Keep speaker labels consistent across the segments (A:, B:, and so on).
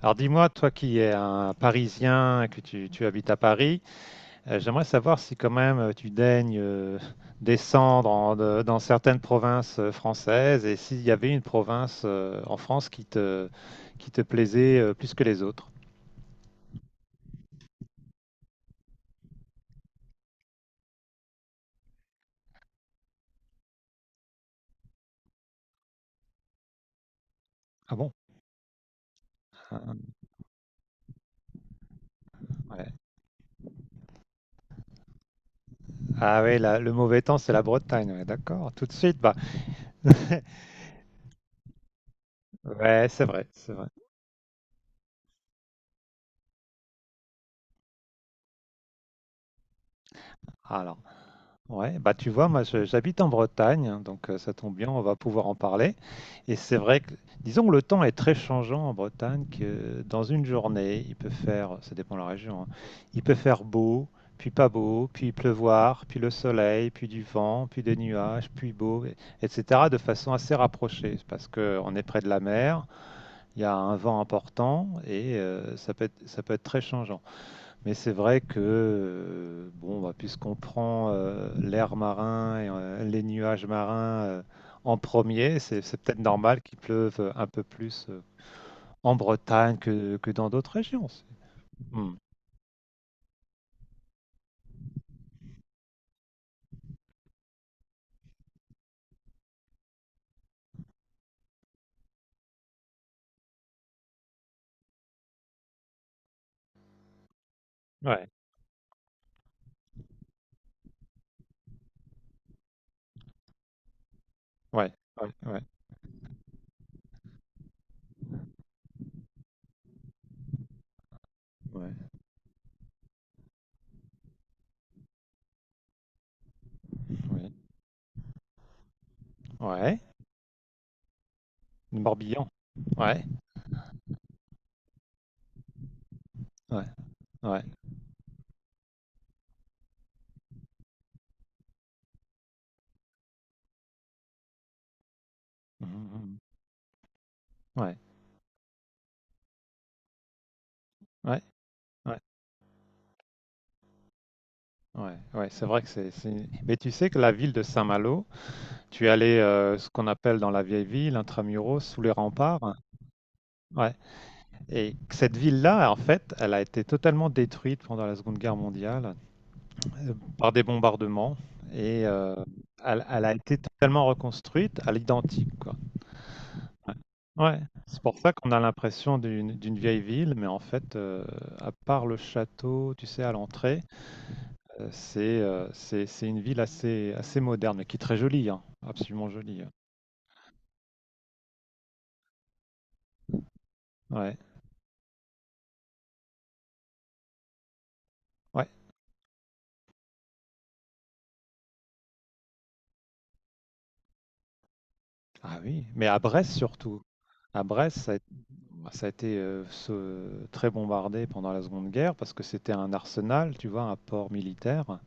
A: Alors dis-moi, toi qui es un Parisien, que tu habites à Paris, j'aimerais savoir si quand même tu daignes descendre dans certaines provinces françaises, et s'il y avait une province en France qui qui te plaisait plus que les autres. Ah bon? Ah ouais, ah ouais, le mauvais temps, c'est la Bretagne, ouais, d'accord. Tout de suite, bah. Ouais, c'est vrai, c'est vrai. Alors. Ouais, bah tu vois, moi j'habite en Bretagne, hein, donc ça tombe bien, on va pouvoir en parler. Et c'est vrai que, disons que le temps est très changeant en Bretagne, que dans une journée, il peut faire, ça dépend de la région, hein, il peut faire beau, puis pas beau, puis pleuvoir, puis le soleil, puis du vent, puis des nuages, puis beau, etc. de façon assez rapprochée, parce que on est près de la mer, il y a un vent important et ça peut être très changeant. Mais c'est vrai que, bon, bah, puisqu'on prend l'air marin et les nuages marins en premier, c'est peut-être normal qu'il pleuve un peu plus en Bretagne que dans d'autres régions. Hmm. Ouais, ouais, ouais, ouais, ouais, ouais, ouais. Le Morbihan. Ouais, ouais, ouais. Mhm, mhm. Ouais, ouais, ouais, ouais, ouais. C'est vrai que c'est. Mais tu sais que la ville de Saint-Malo, tu es allé ce qu'on appelle dans la vieille ville, intramuros, sous les remparts. Ouais. Et cette ville-là, en fait, elle a été totalement détruite pendant la Seconde Guerre mondiale par des bombardements et elle a été totalement reconstruite à l'identique, quoi. Ouais, c'est pour ça qu'on a l'impression d'une vieille ville, mais en fait, à part le château, tu sais, à l'entrée, c'est une ville assez moderne, mais qui est très jolie, hein, absolument jolie, hein. Ouais, ouais. Ah oui, mais à Brest surtout. À Brest, ça a été très bombardé pendant la Seconde Guerre parce que c'était un arsenal, tu vois, un port militaire.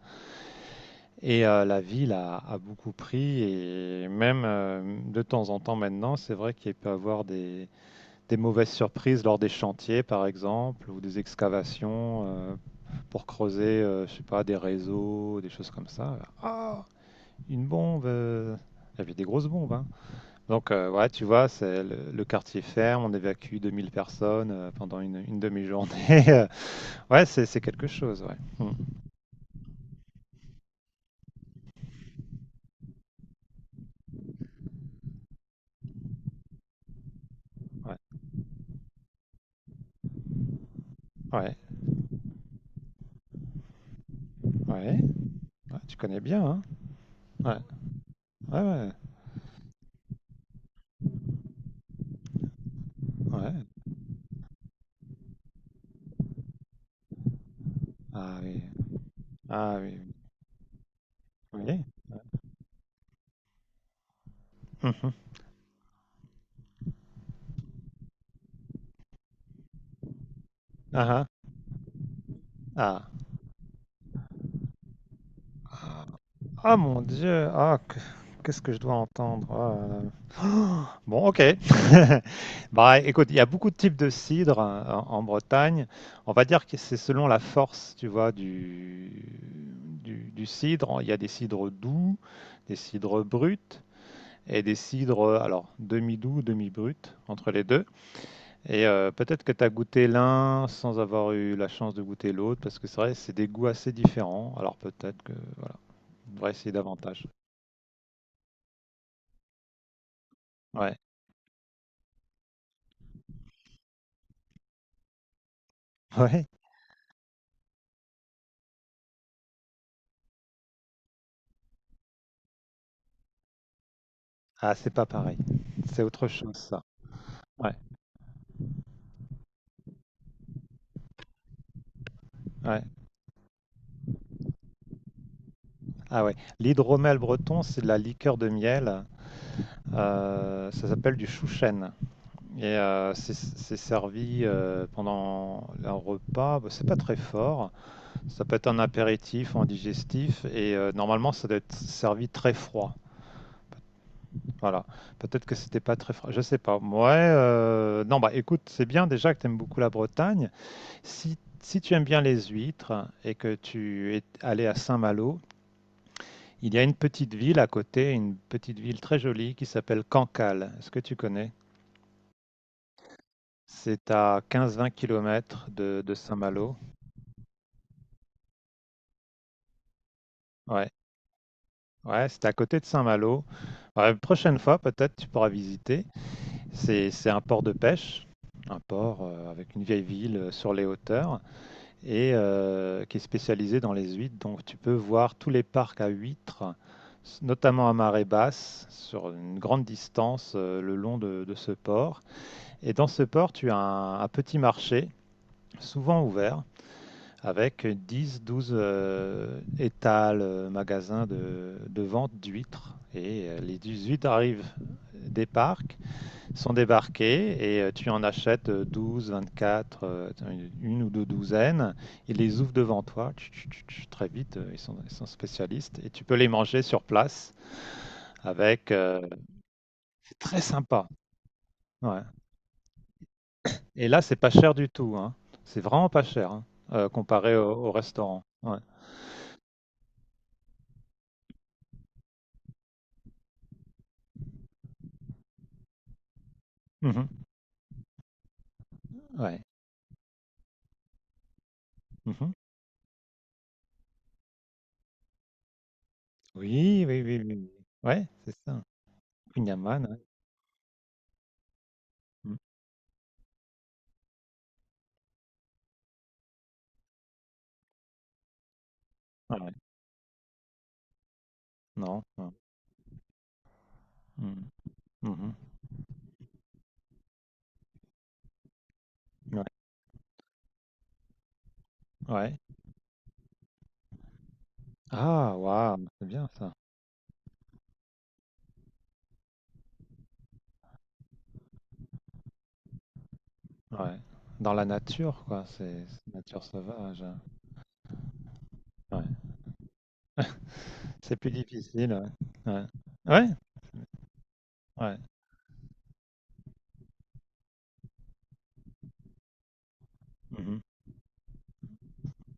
A: Et la ville a beaucoup pris, et même de temps en temps maintenant, c'est vrai qu'il peut y avoir des mauvaises surprises lors des chantiers, par exemple, ou des excavations pour creuser, je sais pas, des réseaux, des choses comme ça. Ah, une bombe! Il y avait des grosses bombes, hein. Donc, ouais, tu vois, c'est le quartier ferme, on évacue 2 000 personnes pendant une demi-journée. Ouais, c'est quelque chose, ouais. Hmm. Ouais, ouais, ouais. Ouais, tu connais bien, hein? Ouais, ouais, ouais, ouais. Ah oui, ah oui, oui. Mhm. Ah, ah, ah. Ah mon Dieu, ah, qu'est-ce que je dois entendre? Ah, Bon, ok. Bah, écoute, il y a beaucoup de types de cidre, hein, en Bretagne. On va dire que c'est selon la force, tu vois, du cidre. Il y a des cidres doux, des cidres bruts, et des cidres, alors, demi-doux, demi-bruts, entre les deux. Et peut-être que tu as goûté l'un sans avoir eu la chance de goûter l'autre, parce que c'est vrai, c'est des goûts assez différents. Alors peut-être que on devrait essayer davantage. Ouais. Ouais. Ah, c'est pas pareil. C'est autre chose, ça. Ouais, ouais. Ah ouais. L'hydromel breton, c'est de la liqueur de miel, ça s'appelle du chouchen. Et c'est servi pendant un repas. Bah, c'est pas très fort. Ça peut être un apéritif, un digestif. Et normalement, ça doit être servi très froid. Voilà. Peut-être que c'était pas très froid. Je sais pas. Ouais. Non, bah écoute, c'est bien déjà que tu aimes beaucoup la Bretagne. Si tu aimes bien les huîtres et que tu es allé à Saint-Malo, il y a une petite ville à côté, une petite ville très jolie qui s'appelle Cancale. Est-ce que tu connais? C'est à 15-20 kilomètres de Saint-Malo. Ouais, ouais, c'est à côté de Saint-Malo. Ouais, la prochaine fois, peut-être tu pourras visiter. C'est un port de pêche, un port avec une vieille ville sur les hauteurs, et qui est spécialisé dans les huîtres. Donc tu peux voir tous les parcs à huîtres, notamment à marée basse, sur une grande distance le long de ce port. Et dans ce port, tu as un petit marché, souvent ouvert, avec 10, 12 étals, magasins de vente d'huîtres. Et les huîtres arrivent des parcs, sont débarqués, et tu en achètes 12, 24, une ou deux douzaines. Ils les ouvrent devant toi, tch, tch, tch, tch, très vite, ils sont spécialistes, et tu peux les manger sur place avec, c'est très sympa. Ouais. Et là, c'est pas cher du tout, hein. C'est vraiment pas cher, hein, comparé au, au restaurant. Ouais. Mhm. Ouais. Mhm. Oui, oui, oui, oui. Oui. Ouais, c'est ça. Kunyaman, ouais. Mhm. Ouais. Non. Non. Mhm. Mhm. Ouais. Ouais. Ah, waouh, c'est bien ça. Ouais. Dans la nature, quoi. C'est nature sauvage, hein. Ouais. C'est plus difficile. Ouais. Ouais. Ouais. Ouais. Mhm.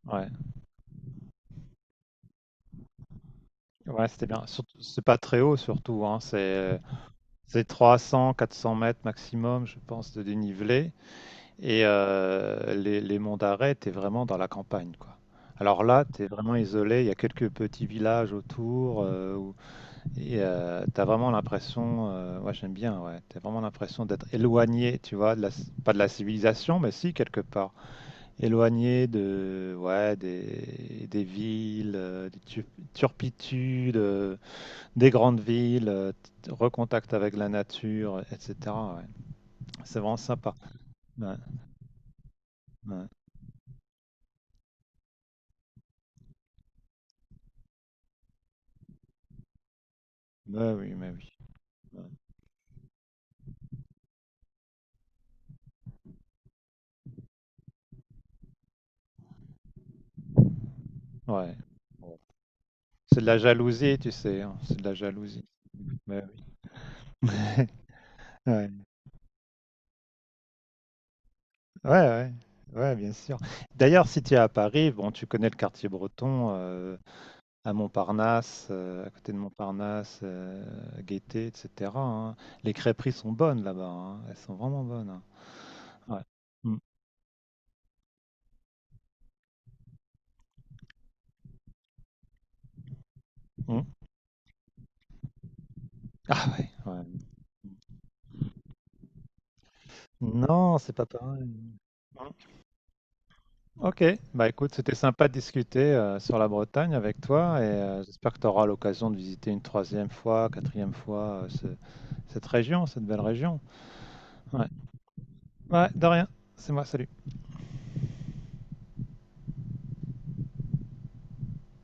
A: Ouais. Ouais, c'était bien. C'est pas très haut, surtout, hein. C'est 300, 400 mètres maximum, je pense, de dénivelé. Et les monts d'arrêt, t'es vraiment dans la campagne, quoi. Alors là, t'es vraiment isolé. Il y a quelques petits villages autour. Et t'as vraiment l'impression, ouais, j'aime bien, ouais, t'as vraiment l'impression d'être éloigné, tu vois, de la, pas de la civilisation, mais si, quelque part. Éloigné de, ouais, des villes, turpitudes, des grandes villes, recontact avec la nature, etc. Ouais. C'est vraiment sympa. Ouais, ouais. Ouais, oui, mais oui. Ouais. Ouais. Bon. C'est de la jalousie, tu sais, hein, c'est de la jalousie. Mais oui. Ouais. Ouais, ouais. Ouais, bien sûr. D'ailleurs, si tu es à Paris, bon, tu connais le quartier breton, à Montparnasse, à côté de Montparnasse, Gaîté, etc., hein. Les crêperies sont bonnes là-bas, hein. Elles sont vraiment bonnes, hein. Ouais. Mmh. Mmh. Ah ouais, ouais. Non, c'est pas pareil. Mmh. OK. Bah, écoute, c'était sympa de discuter, sur la Bretagne avec toi, et j'espère que tu auras l'occasion de visiter une troisième fois, quatrième fois, ce cette région, cette belle région. Ouais. Ouais, de rien. C'est moi, salut.